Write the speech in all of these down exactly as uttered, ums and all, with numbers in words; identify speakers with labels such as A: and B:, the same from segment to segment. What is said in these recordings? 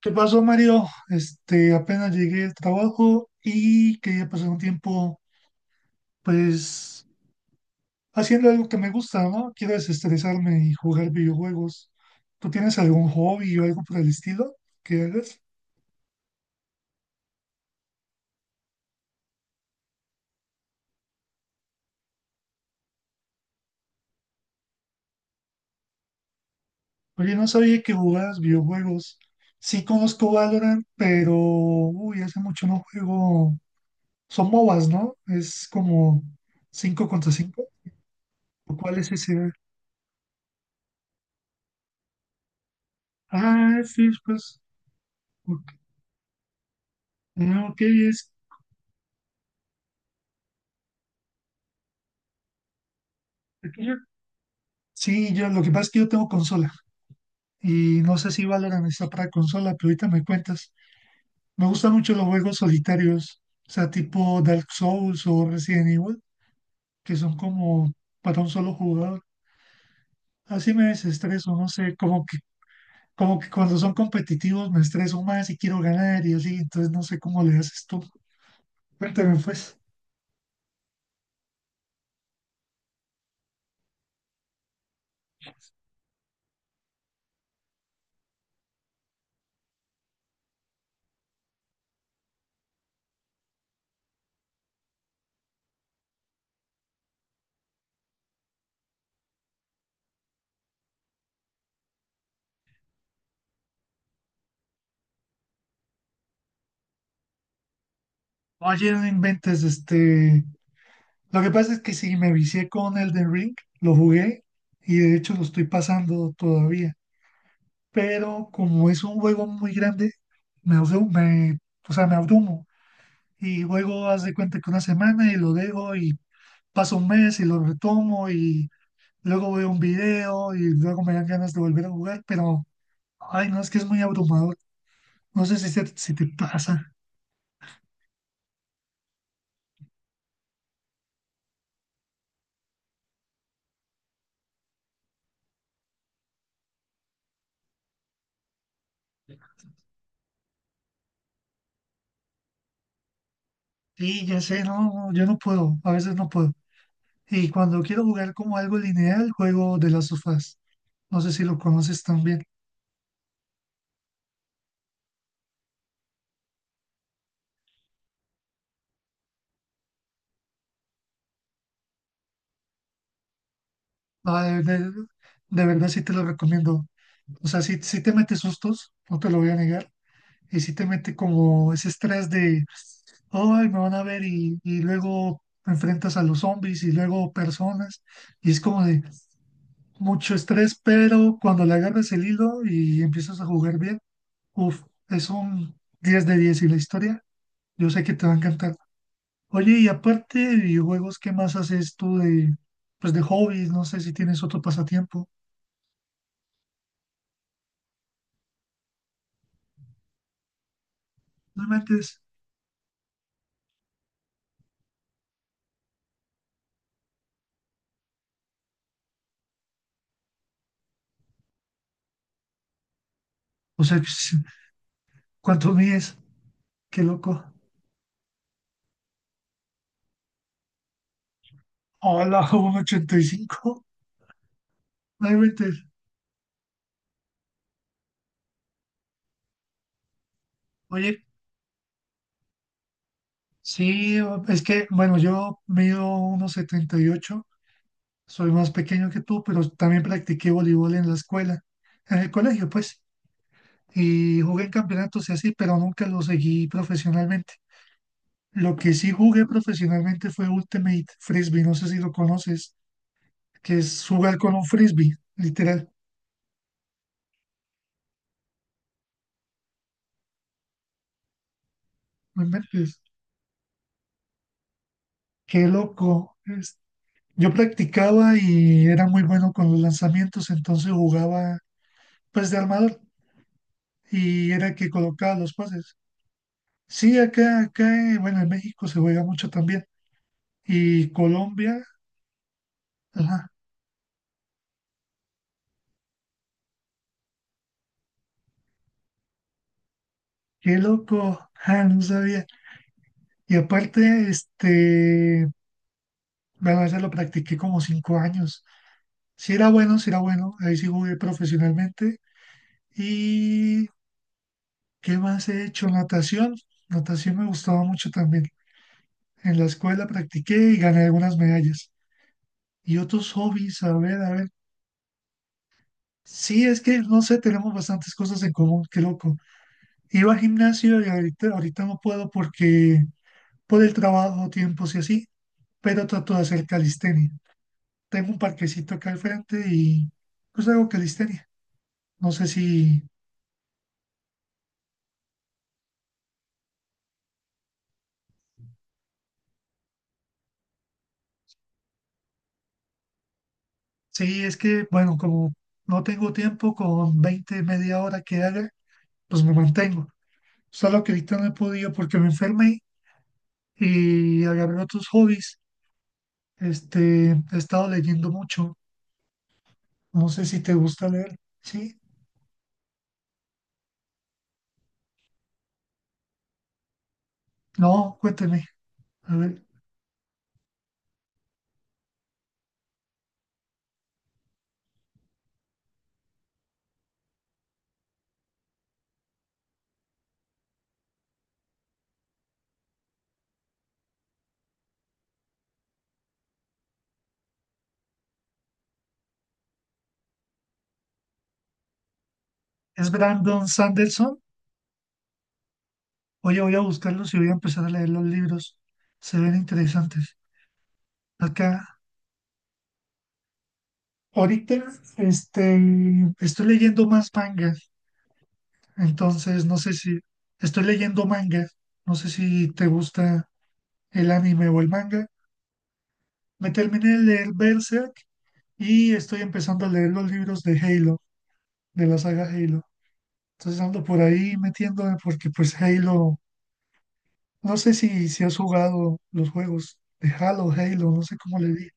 A: ¿Qué pasó, Mario? Este, apenas llegué del trabajo y quería pasar un tiempo, pues, haciendo algo que me gusta, ¿no? Quiero desestresarme y jugar videojuegos. ¿Tú tienes algún hobby o algo por el estilo que hagas? Oye, no sabía que jugabas videojuegos. Sí conozco Valorant, pero, uy, hace mucho no juego. Son MOBAs, ¿no? Es como cinco contra cinco. ¿O ¿Cuál es ese? Ah, sí, pues. Ok. Ah, ok. es. Sí, yo lo que pasa es que yo tengo consola y no sé si Valorant está para consola, pero ahorita me cuentas. Me gustan mucho los juegos solitarios, o sea, tipo Dark Souls o Resident Evil, que son como para un solo jugador. Así me desestreso, no sé, como que, como que cuando son competitivos me estreso más y quiero ganar y así, entonces no sé cómo le haces tú. Cuéntame pues. Oye, no inventes, este... Lo que pasa es que sí, me vicié con Elden Ring, lo jugué y de hecho lo estoy pasando todavía. Pero como es un juego muy grande, me, abru- me, o sea, me abrumo y luego haz de cuenta que una semana y lo dejo y paso un mes y lo retomo y luego veo un video y luego me dan ganas de volver a jugar, pero, ay, no, es que es muy abrumador. No sé si, se- si te pasa. Sí ya sé, no, no, yo no puedo, a veces no puedo. Y cuando quiero jugar como algo lineal, juego de las sofás. No sé si lo conoces también. Ah, de, de de verdad sí te lo recomiendo. O sea, sí, sí te mete sustos, no te lo voy a negar. Y sí te mete como ese estrés de, ay, me van a ver y, y luego enfrentas a los zombies y luego personas. Y es como de mucho estrés, pero cuando le agarras el hilo y empiezas a jugar bien, uff, es un diez de diez y la historia, yo sé que te va a encantar. Oye, y aparte de videojuegos, ¿qué más haces tú de, pues de hobbies? No sé si tienes otro pasatiempo. No me mentes. O sea, ¿cuánto mides? Qué loco. Hola, un ochenta y cinco. No inventes. Oye, sí, es que, bueno, yo mido uno setenta y ocho. Soy más pequeño que tú, pero también practiqué voleibol en la escuela, en el colegio, pues, y jugué en campeonatos y así, pero nunca lo seguí profesionalmente. Lo que sí jugué profesionalmente fue Ultimate Frisbee, no sé si lo conoces, que es jugar con un frisbee, literal. No inventes. Qué loco. Yo practicaba y era muy bueno con los lanzamientos, entonces jugaba pues de armador y era el que colocaba los pases. Sí, acá, acá, eh, bueno, en México se juega mucho también. Y Colombia, ajá, qué loco, ah, no sabía. Y aparte, este, bueno, ya lo practiqué como cinco años. Sí era bueno, sí era bueno, ahí sí jugué profesionalmente. ¿Y qué más he hecho? Natación, natación me gustaba mucho también. En la escuela practiqué y gané algunas medallas. Y otros hobbies, a ver, a ver. Sí, es que no sé, tenemos bastantes cosas en común, qué loco. Iba al gimnasio y ahorita, ahorita no puedo porque por el trabajo, tiempos y así, pero trato de hacer calistenia. Tengo un parquecito acá al frente y pues hago calistenia. No sé si, sí, es que, bueno, como no tengo tiempo, con veinte media hora que haga, pues me mantengo. Solo que ahorita no he podido porque me enfermé y agarré otros hobbies. Este, he estado leyendo mucho. No sé si te gusta leer. Sí, no, cuénteme. A ver, ¿es Brandon Sanderson? Oye, voy a buscarlos y voy a empezar a leer los libros. Se ven interesantes. Acá, ahorita, este, estoy leyendo más manga. Entonces, no sé si estoy leyendo manga. No sé si te gusta el anime o el manga. Me terminé de leer Berserk y estoy empezando a leer los libros de Halo, de la saga Halo. Entonces ando por ahí metiéndome porque pues Halo, no sé si, si has jugado los juegos de Halo, Halo, no sé cómo le di.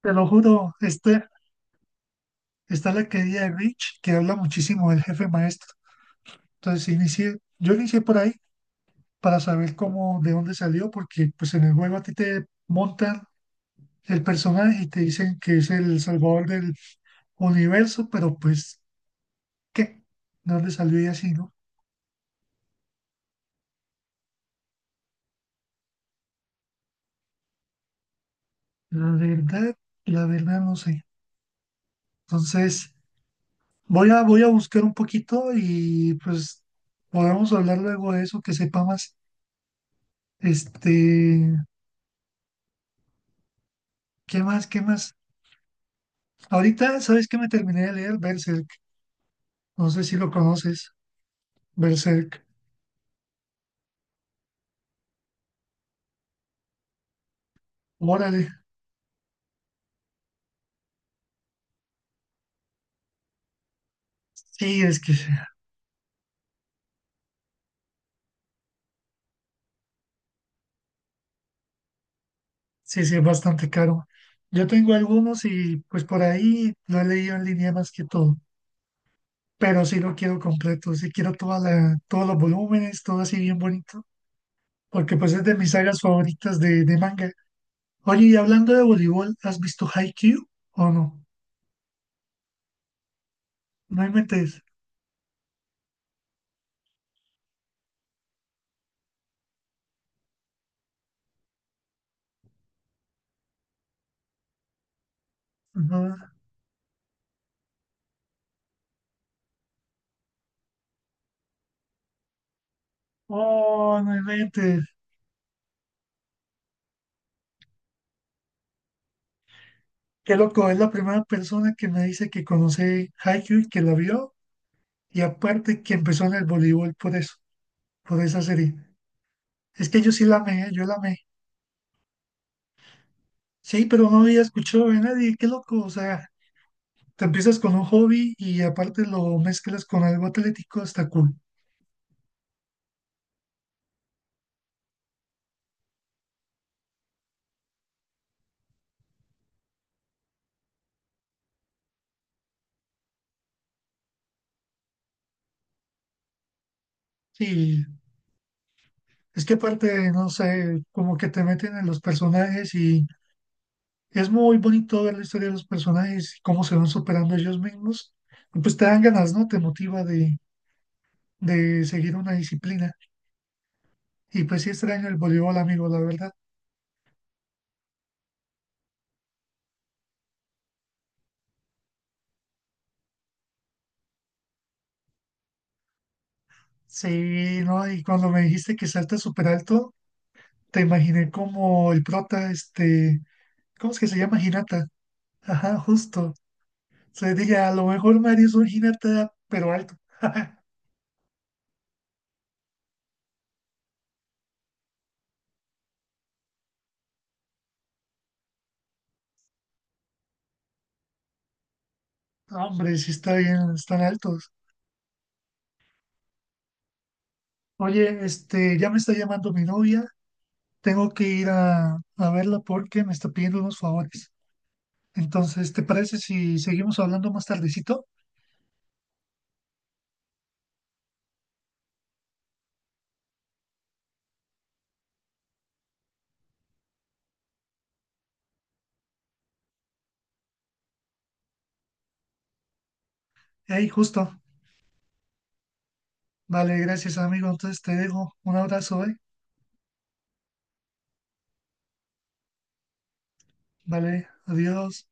A: Te lo juro, este, está la querida de Rich que habla muchísimo del jefe maestro. Entonces inicié, yo inicié por ahí para saber cómo, de dónde salió, porque pues en el juego a ti te montan el personaje y te dicen que es el salvador del universo, pero pues, ¿qué? ¿De dónde salió y así, no? La verdad, la verdad no sé. Entonces... Voy a, voy a buscar un poquito y pues podemos hablar luego de eso, que sepa más. Este, ¿qué más? ¿Qué más? Ahorita, ¿sabes qué me terminé de leer? Berserk. No sé si lo conoces. Berserk. Órale. Sí, es que sí, sí, sí, es bastante caro. Yo tengo algunos y pues por ahí lo he leído en línea más que todo. Pero sí lo quiero completo, sí quiero toda la, todos los volúmenes, todo así bien bonito, porque pues es de mis sagas favoritas de, de manga. Oye, y hablando de voleibol, ¿has visto Haikyuu o no? No inventes. No. Oh, no inventes. Qué loco, es la primera persona que me dice que conoce Haikyuu y que la vio. Y aparte que empezó en el voleibol por eso, por esa serie. Es que yo sí la amé, ¿eh? Yo la amé. Sí, pero no había escuchado de nadie. Qué loco, o sea, te empiezas con un hobby y aparte lo mezclas con algo atlético, está cool. Sí, es que aparte, no sé, como que te meten en los personajes y es muy bonito ver la historia de los personajes y cómo se van superando ellos mismos. Y pues te dan ganas, ¿no? Te motiva de, de seguir una disciplina. Y pues sí extraño el voleibol, amigo, la verdad. Sí, ¿no? Y cuando me dijiste que salta súper alto, te imaginé como el prota, este, ¿cómo es que se llama? Hinata. Ajá, justo. Se dije, a lo mejor Mario es un Hinata, pero alto. No, hombre, sí está bien, están altos. Oye, este, ya me está llamando mi novia. Tengo que ir a, a verla porque me está pidiendo unos favores. Entonces, ¿te parece si seguimos hablando más tardecito? Hey, justo. Vale, gracias, amigo. Entonces te dejo. Un abrazo, ¿eh? Vale, adiós.